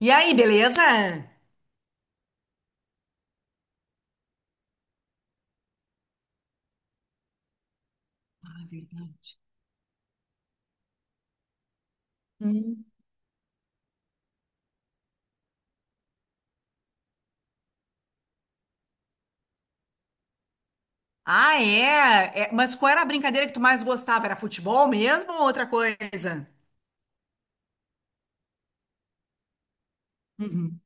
E aí, beleza? Hum. Ah, é? É, mas qual era a brincadeira que tu mais gostava? Era futebol mesmo ou outra coisa? Uhum.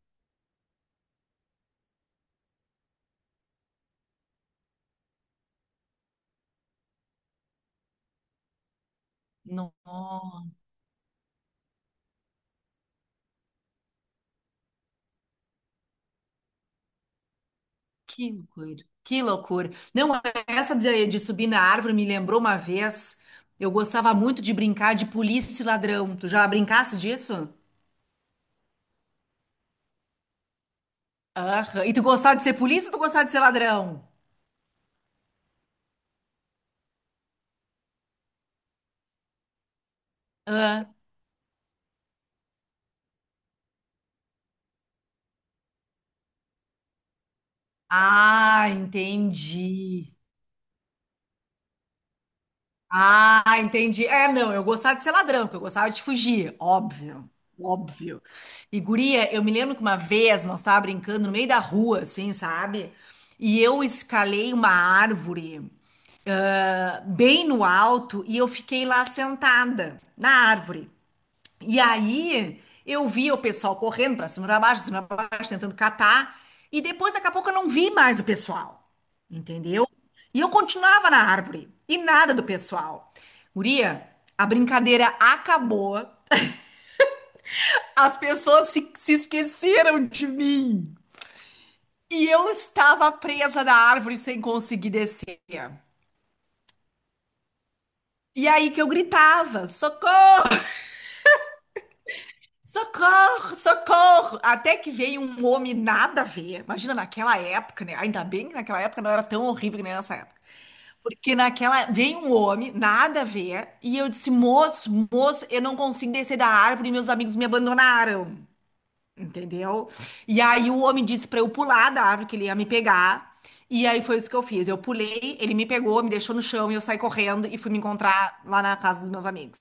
No- que loucura, que loucura. Não, essa de subir na árvore me lembrou uma vez. Eu gostava muito de brincar de polícia e ladrão. Tu já brincasse disso? Aham. E tu gostava de ser polícia ou tu gostava de ser ladrão? Ah, ah, entendi. Ah, entendi. É, não, eu gostava de ser ladrão, porque eu gostava de fugir, óbvio, óbvio. E guria, eu me lembro que uma vez nós tava brincando no meio da rua, assim, sabe? E eu escalei uma árvore, ah, bem no alto e eu fiquei lá sentada na árvore. E aí eu vi o pessoal correndo pra cima e pra baixo, pra cima e pra baixo, tentando catar. E depois, daqui a pouco, eu não vi mais o pessoal. Entendeu? E eu continuava na árvore. E nada do pessoal. Guria, a brincadeira acabou. As pessoas se esqueceram de mim. E eu estava presa na árvore sem conseguir descer. E aí que eu gritava: socorro! Socorro, socorro! Até que veio um homem nada a ver. Imagina naquela época, né? Ainda bem que naquela época não era tão horrível que nem nessa época. Porque naquela veio um homem nada a ver e eu disse: "Moço, moço, eu não consigo descer da árvore e meus amigos me abandonaram". Entendeu? E aí o homem disse pra eu pular da árvore que ele ia me pegar. E aí foi isso que eu fiz. Eu pulei, ele me pegou, me deixou no chão e eu saí correndo e fui me encontrar lá na casa dos meus amigos.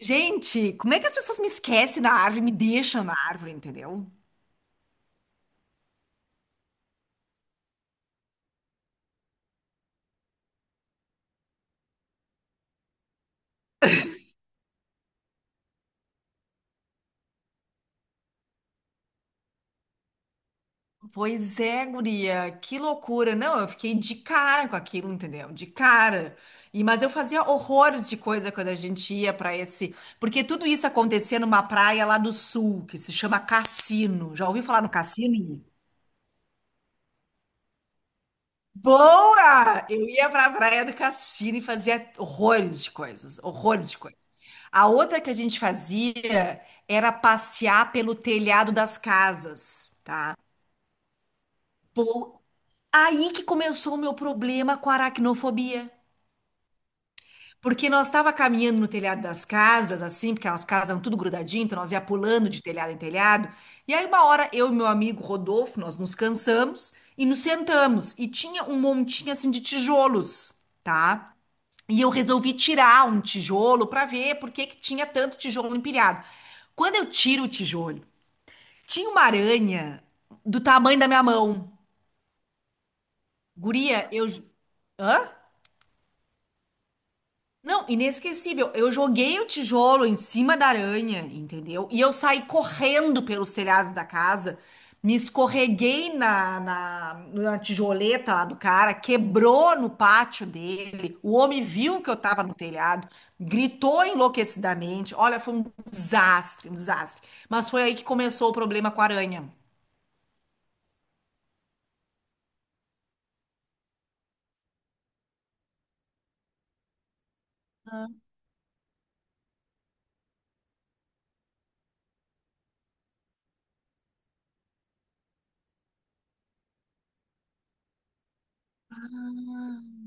Gente, como é que as pessoas me esquecem na árvore, me deixam na árvore, entendeu? Pois é, guria, que loucura. Não, eu fiquei de cara com aquilo, entendeu? De cara. E mas eu fazia horrores de coisa quando a gente ia pra esse, porque tudo isso acontecia numa praia lá do sul, que se chama Cassino. Já ouviu falar no Cassino? Boa! Eu ia pra Praia do Cassino e fazia horrores de coisas, horrores de coisas. A outra que a gente fazia era passear pelo telhado das casas, tá? Pô, aí que começou o meu problema com a aracnofobia. Porque nós estava caminhando no telhado das casas, assim, porque as casas eram tudo grudadinho, então nós ia pulando de telhado em telhado. E aí uma hora eu e meu amigo Rodolfo, nós nos cansamos e nos sentamos. E tinha um montinho assim de tijolos, tá? E eu resolvi tirar um tijolo para ver por que que tinha tanto tijolo empilhado. Quando eu tiro o tijolo, tinha uma aranha do tamanho da minha mão. Guria, eu. Hã? Não, inesquecível. Eu joguei o tijolo em cima da aranha, entendeu? E eu saí correndo pelos telhados da casa, me escorreguei na tijoleta lá do cara, quebrou no pátio dele. O homem viu que eu tava no telhado, gritou enlouquecidamente. Olha, foi um desastre, um desastre. Mas foi aí que começou o problema com a aranha.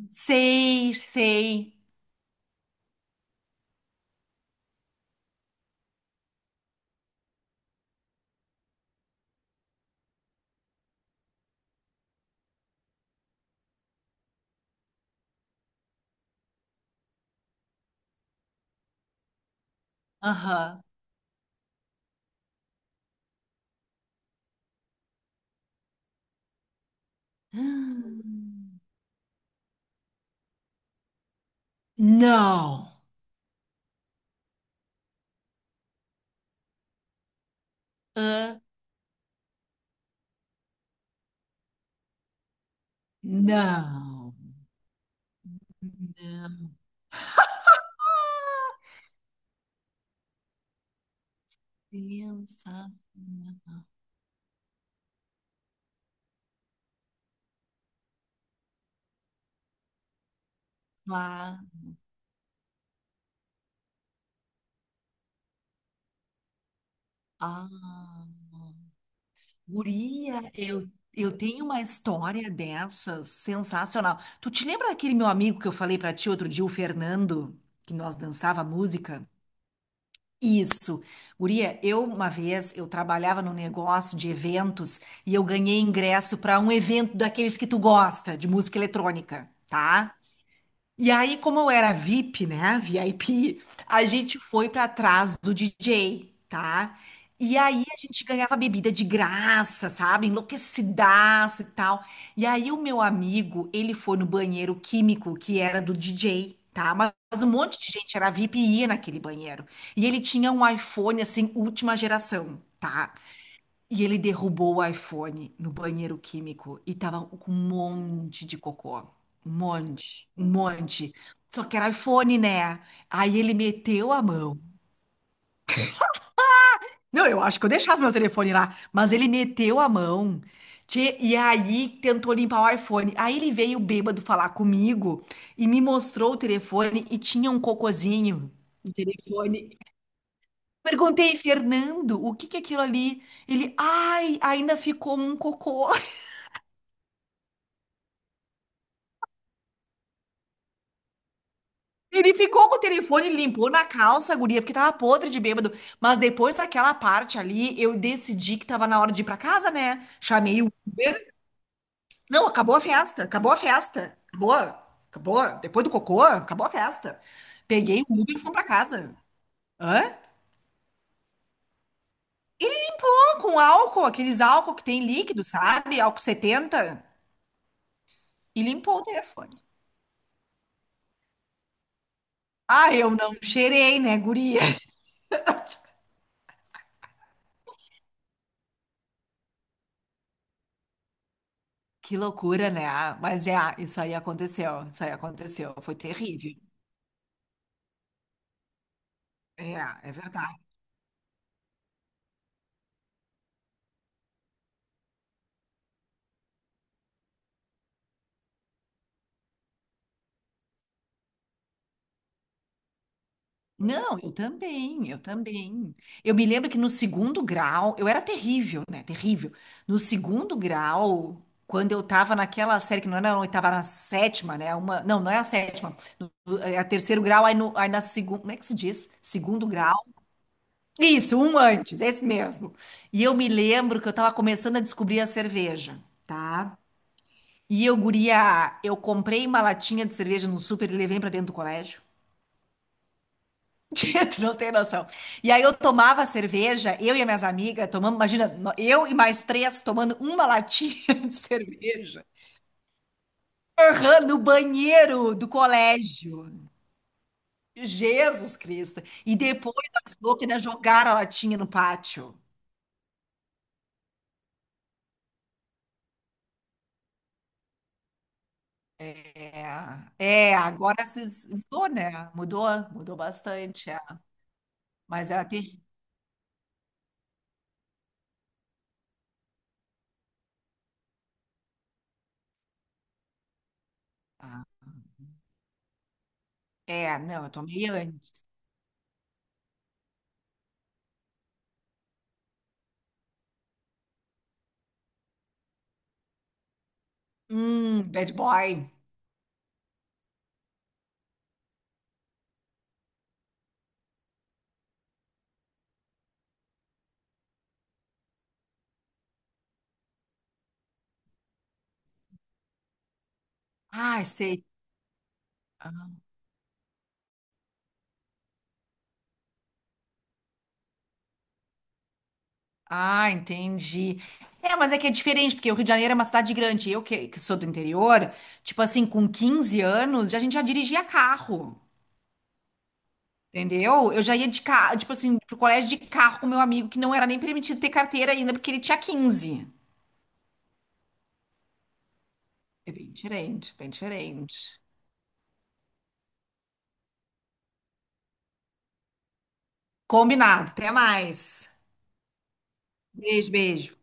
Sei, sei. Aham. Não. Ah, não. Não, pensa lá. Ah, guria, eu tenho uma história dessas sensacional. Tu te lembra daquele meu amigo que eu falei pra ti outro dia, o Fernando, que nós dançava música? Isso. Guria, eu uma vez eu trabalhava num negócio de eventos e eu ganhei ingresso para um evento daqueles que tu gosta, de música eletrônica, tá? E aí, como eu era VIP, né? VIP, a gente foi pra trás do DJ, tá? E aí a gente ganhava bebida de graça, sabe? Enlouquecidaça e tal. E aí o meu amigo, ele foi no banheiro químico que era do DJ, tá? Mas um monte de gente era VIP e ia naquele banheiro. E ele tinha um iPhone assim, última geração, tá? E ele derrubou o iPhone no banheiro químico e tava com um monte de cocô. Um monte, um monte. Só que era iPhone, né? Aí ele meteu a mão. Não, eu acho que eu deixava meu telefone lá, mas ele meteu a mão. Tchê, e aí tentou limpar o iPhone. Aí ele veio bêbado falar comigo e me mostrou o telefone e tinha um cocôzinho no telefone. Perguntei, Fernando, o que que é aquilo ali? Ele, ai, ainda ficou um cocô. Ele ficou com o telefone, limpou na calça, guria, porque tava podre de bêbado. Mas depois daquela parte ali, eu decidi que tava na hora de ir pra casa, né? Chamei o Uber. Não, acabou a festa, acabou a festa. Acabou, acabou. Depois do cocô, acabou a festa. Peguei o Uber e fomos pra casa. Hã? Ele lá com álcool, aqueles álcool que tem líquido, sabe? Álcool 70. E limpou o telefone. Ah, eu não cheirei, né, guria? Que loucura, né? Ah, mas é, ah, isso aí aconteceu, isso aí aconteceu. Foi terrível. É, é verdade. Não, eu também, eu também. Eu me lembro que no segundo grau, eu era terrível, né? Terrível. No segundo grau, quando eu tava naquela série, que não era, eu tava na sétima, né? Uma, não, não é a sétima. No- no- é a terceiro grau, aí, no, aí na segunda, como é que se diz? Segundo grau. Isso, um antes, esse mesmo. E eu me lembro que eu tava começando a descobrir a cerveja, tá? E eu, guria, eu comprei uma latinha de cerveja no super e levei pra dentro do colégio. Tia, tu não tem noção. E aí eu tomava cerveja, eu e as minhas amigas tomamos, imagina, no- eu e mais três tomando uma latinha de cerveja. Aham, no banheiro do colégio. Jesus Cristo. E depois as loucas ainda jogaram a latinha no pátio. É, é, agora vocês... Mudou, né? Mudou, mudou bastante. É. Mas era terrível. É, não, eu tomei antes. Bad boy. Ai, sei. Ah, entendi. É, mas é que é diferente, porque o Rio de Janeiro é uma cidade grande. Eu que sou do interior, tipo assim, com 15 anos, já- a gente já dirigia carro, entendeu? Eu já ia de carro, tipo assim, pro colégio de carro com meu amigo, que não era nem permitido ter carteira ainda, porque ele tinha 15. É bem diferente, bem diferente. Combinado, até mais. Beijo, beijo.